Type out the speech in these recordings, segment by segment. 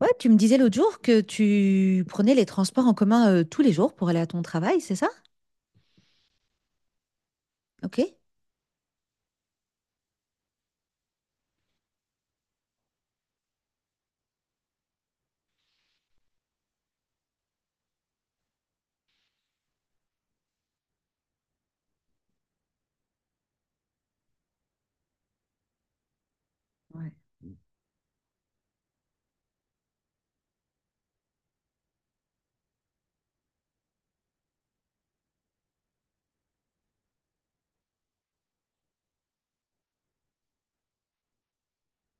Ouais, tu me disais l'autre jour que tu prenais les transports en commun tous les jours pour aller à ton travail, c'est ça? Ok. Ouais.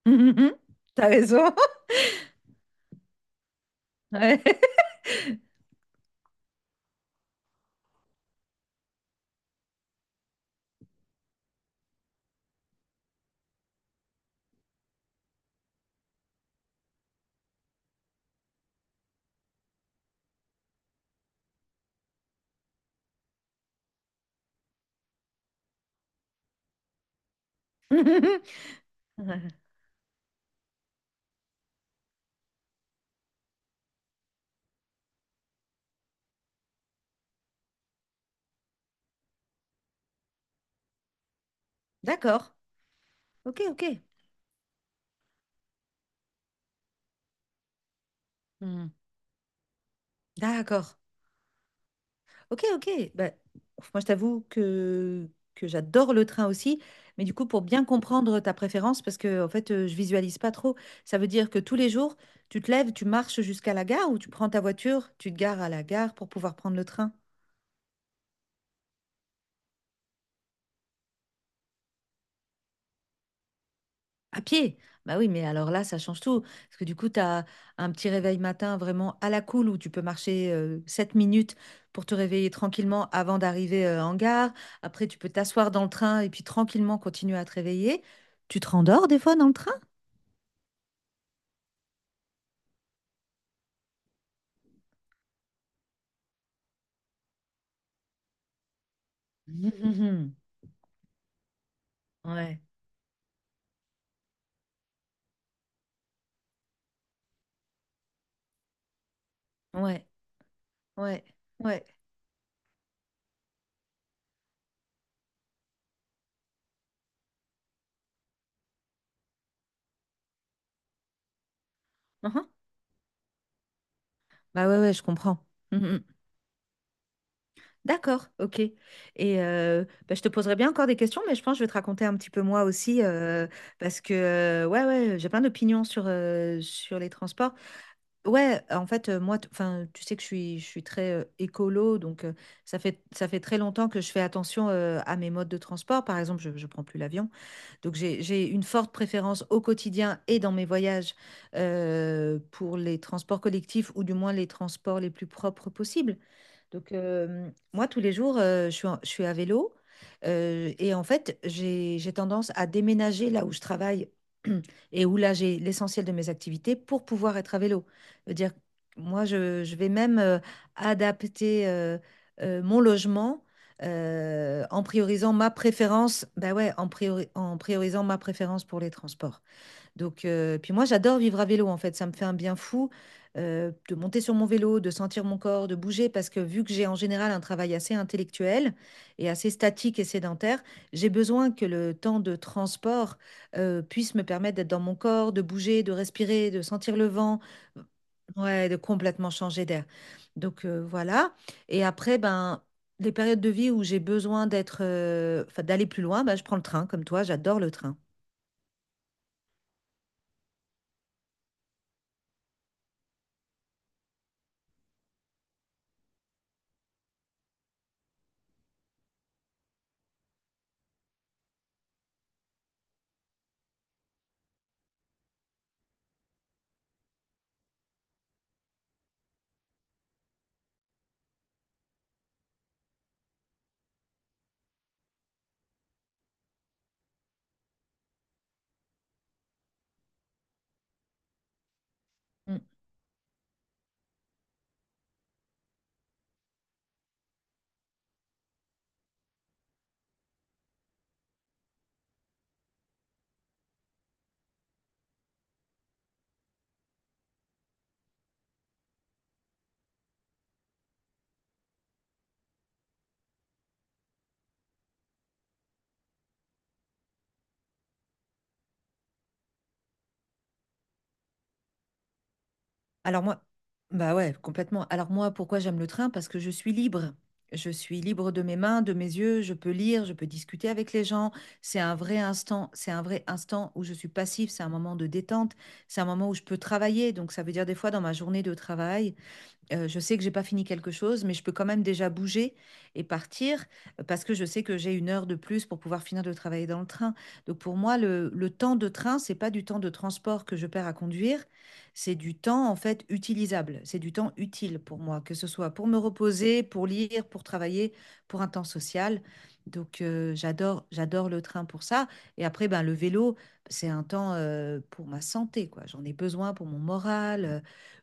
Hum, hum, hum. T'as raison. Ouais. Hum, hum, Ouais. D'accord. Ok, ok. Hmm. D'accord. Ok, ok. Bah, ouf, moi, je t'avoue que j'adore le train aussi. Mais du coup, pour bien comprendre ta préférence, parce que en fait, je visualise pas trop, ça veut dire que tous les jours, tu te lèves, tu marches jusqu'à la gare ou tu prends ta voiture, tu te gares à la gare pour pouvoir prendre le train. À pied? Bah oui, mais alors là, ça change tout. Parce que du coup, tu as un petit réveil matin vraiment à la cool où tu peux marcher 7 minutes pour te réveiller tranquillement avant d'arriver en gare. Après, tu peux t'asseoir dans le train et puis tranquillement continuer à te réveiller. Tu te rendors des fois dans le train? Mhm. Mhm. Ouais, ouais, ouais, ouais. Mhm. Bah ouais, ouais, je comprends. Mhm. D'accord, ok. Et bah, je te poserai bien encore des questions, mais je pense que je vais te raconter un petit peu moi aussi, parce que ouais, ouais, j'ai plein d'opinions sur les transports. Ouais, en fait, moi, enfin, tu sais que je suis très écolo, donc ça fait très longtemps que je fais attention à mes modes de transport. Par exemple, je ne prends plus l'avion. Donc j'ai une forte préférence au quotidien et dans mes voyages pour les transports collectifs ou du moins les transports les plus propres possibles. Donc moi, tous les jours, je suis à vélo et en fait, j'ai tendance à déménager là où je travaille et où là j'ai l'essentiel de mes activités pour pouvoir être à vélo. C'est-à-dire, moi, je vais même adapter mon logement en priorisant ma préférence, bah ouais, en priorisant ma préférence pour les transports. Donc, puis moi, j'adore vivre à vélo, en fait. Ça me fait un bien fou de monter sur mon vélo, de sentir mon corps, de bouger, parce que vu que j'ai en général un travail assez intellectuel et assez statique et sédentaire, j'ai besoin que le temps de transport puisse me permettre d'être dans mon corps, de bouger, de respirer, de sentir le vent. Ouais, de complètement changer d'air. Donc voilà. Et après, ben, les périodes de vie où j'ai besoin d'être, enfin, d'aller plus loin, ben, je prends le train, comme toi, j'adore le train. Mm. Alors moi, bah ouais, complètement. Alors moi, pourquoi j'aime le train? Parce que je suis libre. Je suis libre de mes mains, de mes yeux, je peux lire, je peux discuter avec les gens. C'est un vrai instant où je suis passif, c'est un moment de détente, c'est un moment où je peux travailler. Donc ça veut dire des fois dans ma journée de travail, je sais que j'ai pas fini quelque chose, mais je peux quand même déjà bouger et partir parce que je sais que j'ai une heure de plus pour pouvoir finir de travailler dans le train. Donc pour moi, le temps de train, c'est pas du temps de transport que je perds à conduire, c'est du temps en fait utilisable, c'est du temps utile pour moi, que ce soit pour me reposer, pour lire, pour travailler, pour un temps social. Donc j'adore, j'adore le train pour ça. Et après, ben, le vélo, c'est un temps pour ma santé, quoi. J'en ai besoin pour mon moral.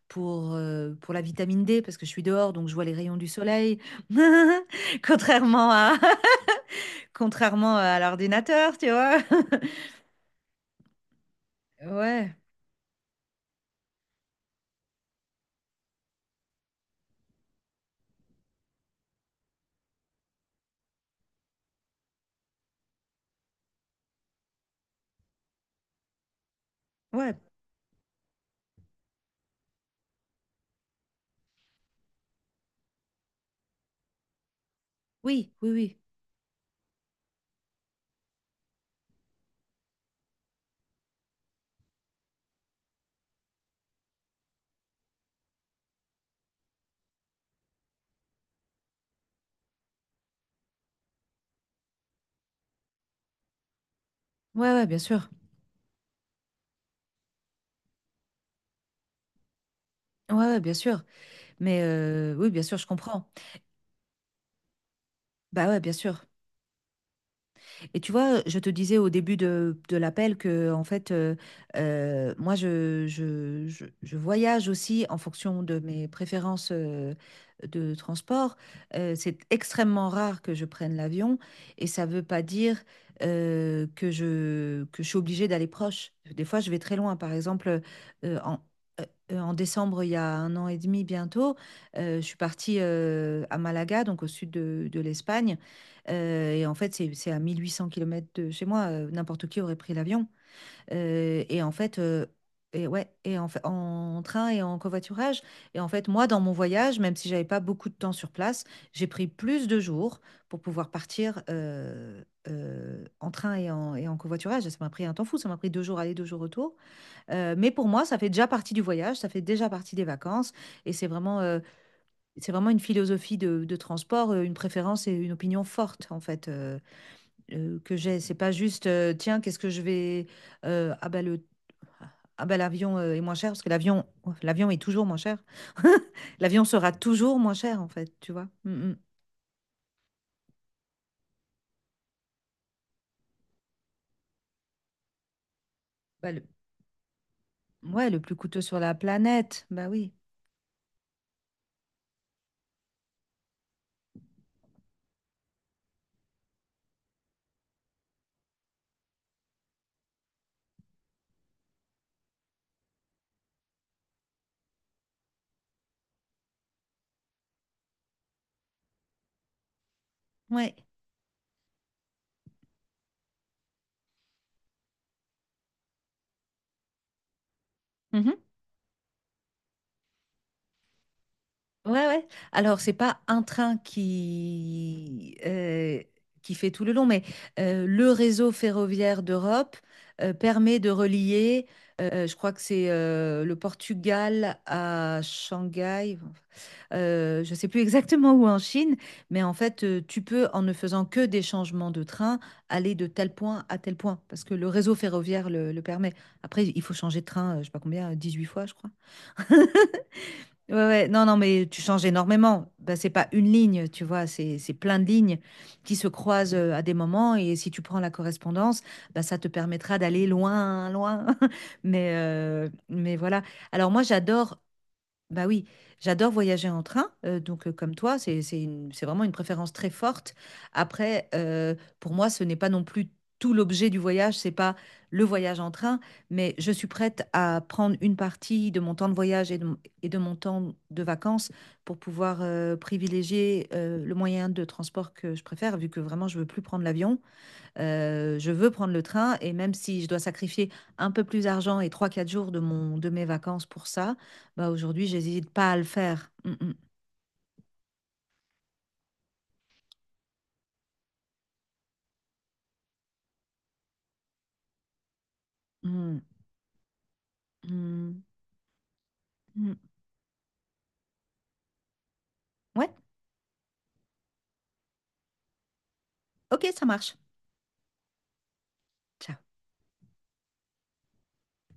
Pour la vitamine D parce que je suis dehors, donc je vois les rayons du soleil. Contrairement à, contrairement à l'ordinateur, tu vois. Ouais, ouais, oui, oui, oui. Ouais, ouais, bien sûr. Ouais, ouais, bien sûr. Mais oui, bien sûr, je comprends. Bah ouais, bien sûr. Et tu vois, je te disais au début de l'appel que, en fait, moi, je voyage aussi en fonction de mes préférences de transport. C'est extrêmement rare que je prenne l'avion et ça ne veut pas dire que je suis obligée d'aller proche. Des fois, je vais très loin. Par exemple, euh, en, en décembre, il y a un an et demi bientôt, je suis partie à Malaga, donc au sud de l'Espagne. Et en fait, c'est à 1 800 km de chez moi. N'importe qui aurait pris l'avion. Et en fait, et ouais, et en train et en covoiturage. Et en fait, moi, dans mon voyage, même si j'avais pas beaucoup de temps sur place, j'ai pris plus de jours pour pouvoir partir en train et en covoiturage. Et ça m'a pris un temps fou. Ça m'a pris 2 jours aller, 2 jours retour. Mais pour moi, ça fait déjà partie du voyage. Ça fait déjà partie des vacances. Et c'est vraiment, une philosophie de transport, une préférence et une opinion forte, en fait. Que j'ai. C'est pas juste, tiens, qu'est-ce que je vais. Ah bah le. Ah bah l'avion est moins cher parce que l'avion est toujours moins cher. L'avion sera toujours moins cher en fait, tu vois. Mm, mm. Bah, le... Ouais, le plus coûteux sur la planète. Bah oui. Ouais. Mhm. Ouais, ouais. Alors, c'est pas un train qui fait tout le long, mais le réseau ferroviaire d'Europe permet de relier, je crois que c'est le Portugal à Shanghai, je sais plus exactement où en Chine, mais en fait, tu peux, en ne faisant que des changements de train, aller de tel point à tel point, parce que le réseau ferroviaire le permet. Après, il faut changer de train, je sais pas combien, 18 fois, je crois. Ouais, ouais. Non, non, mais tu changes énormément. Bah, c'est pas une ligne, tu vois, c'est plein de lignes qui se croisent à des moments. Et si tu prends la correspondance, bah, ça te permettra d'aller loin, loin. Mais voilà. Alors moi, j'adore bah oui, j'adore voyager en train, donc comme toi, c'est vraiment une préférence très forte. Après, pour moi, ce n'est pas non plus tout l'objet du voyage, c'est pas le voyage en train, mais je suis prête à prendre une partie de mon temps de voyage et de mon temps de vacances pour pouvoir privilégier le moyen de transport que je préfère, vu que vraiment je veux plus prendre l'avion. Je veux prendre le train et même si je dois sacrifier un peu plus d'argent et 3 4 jours de mon de mes vacances pour ça, bah, aujourd'hui, j'hésite pas à le faire. Mmh mh. Mmh. Mmh. Mmh. Ouais, OK, ça marche. Ciao.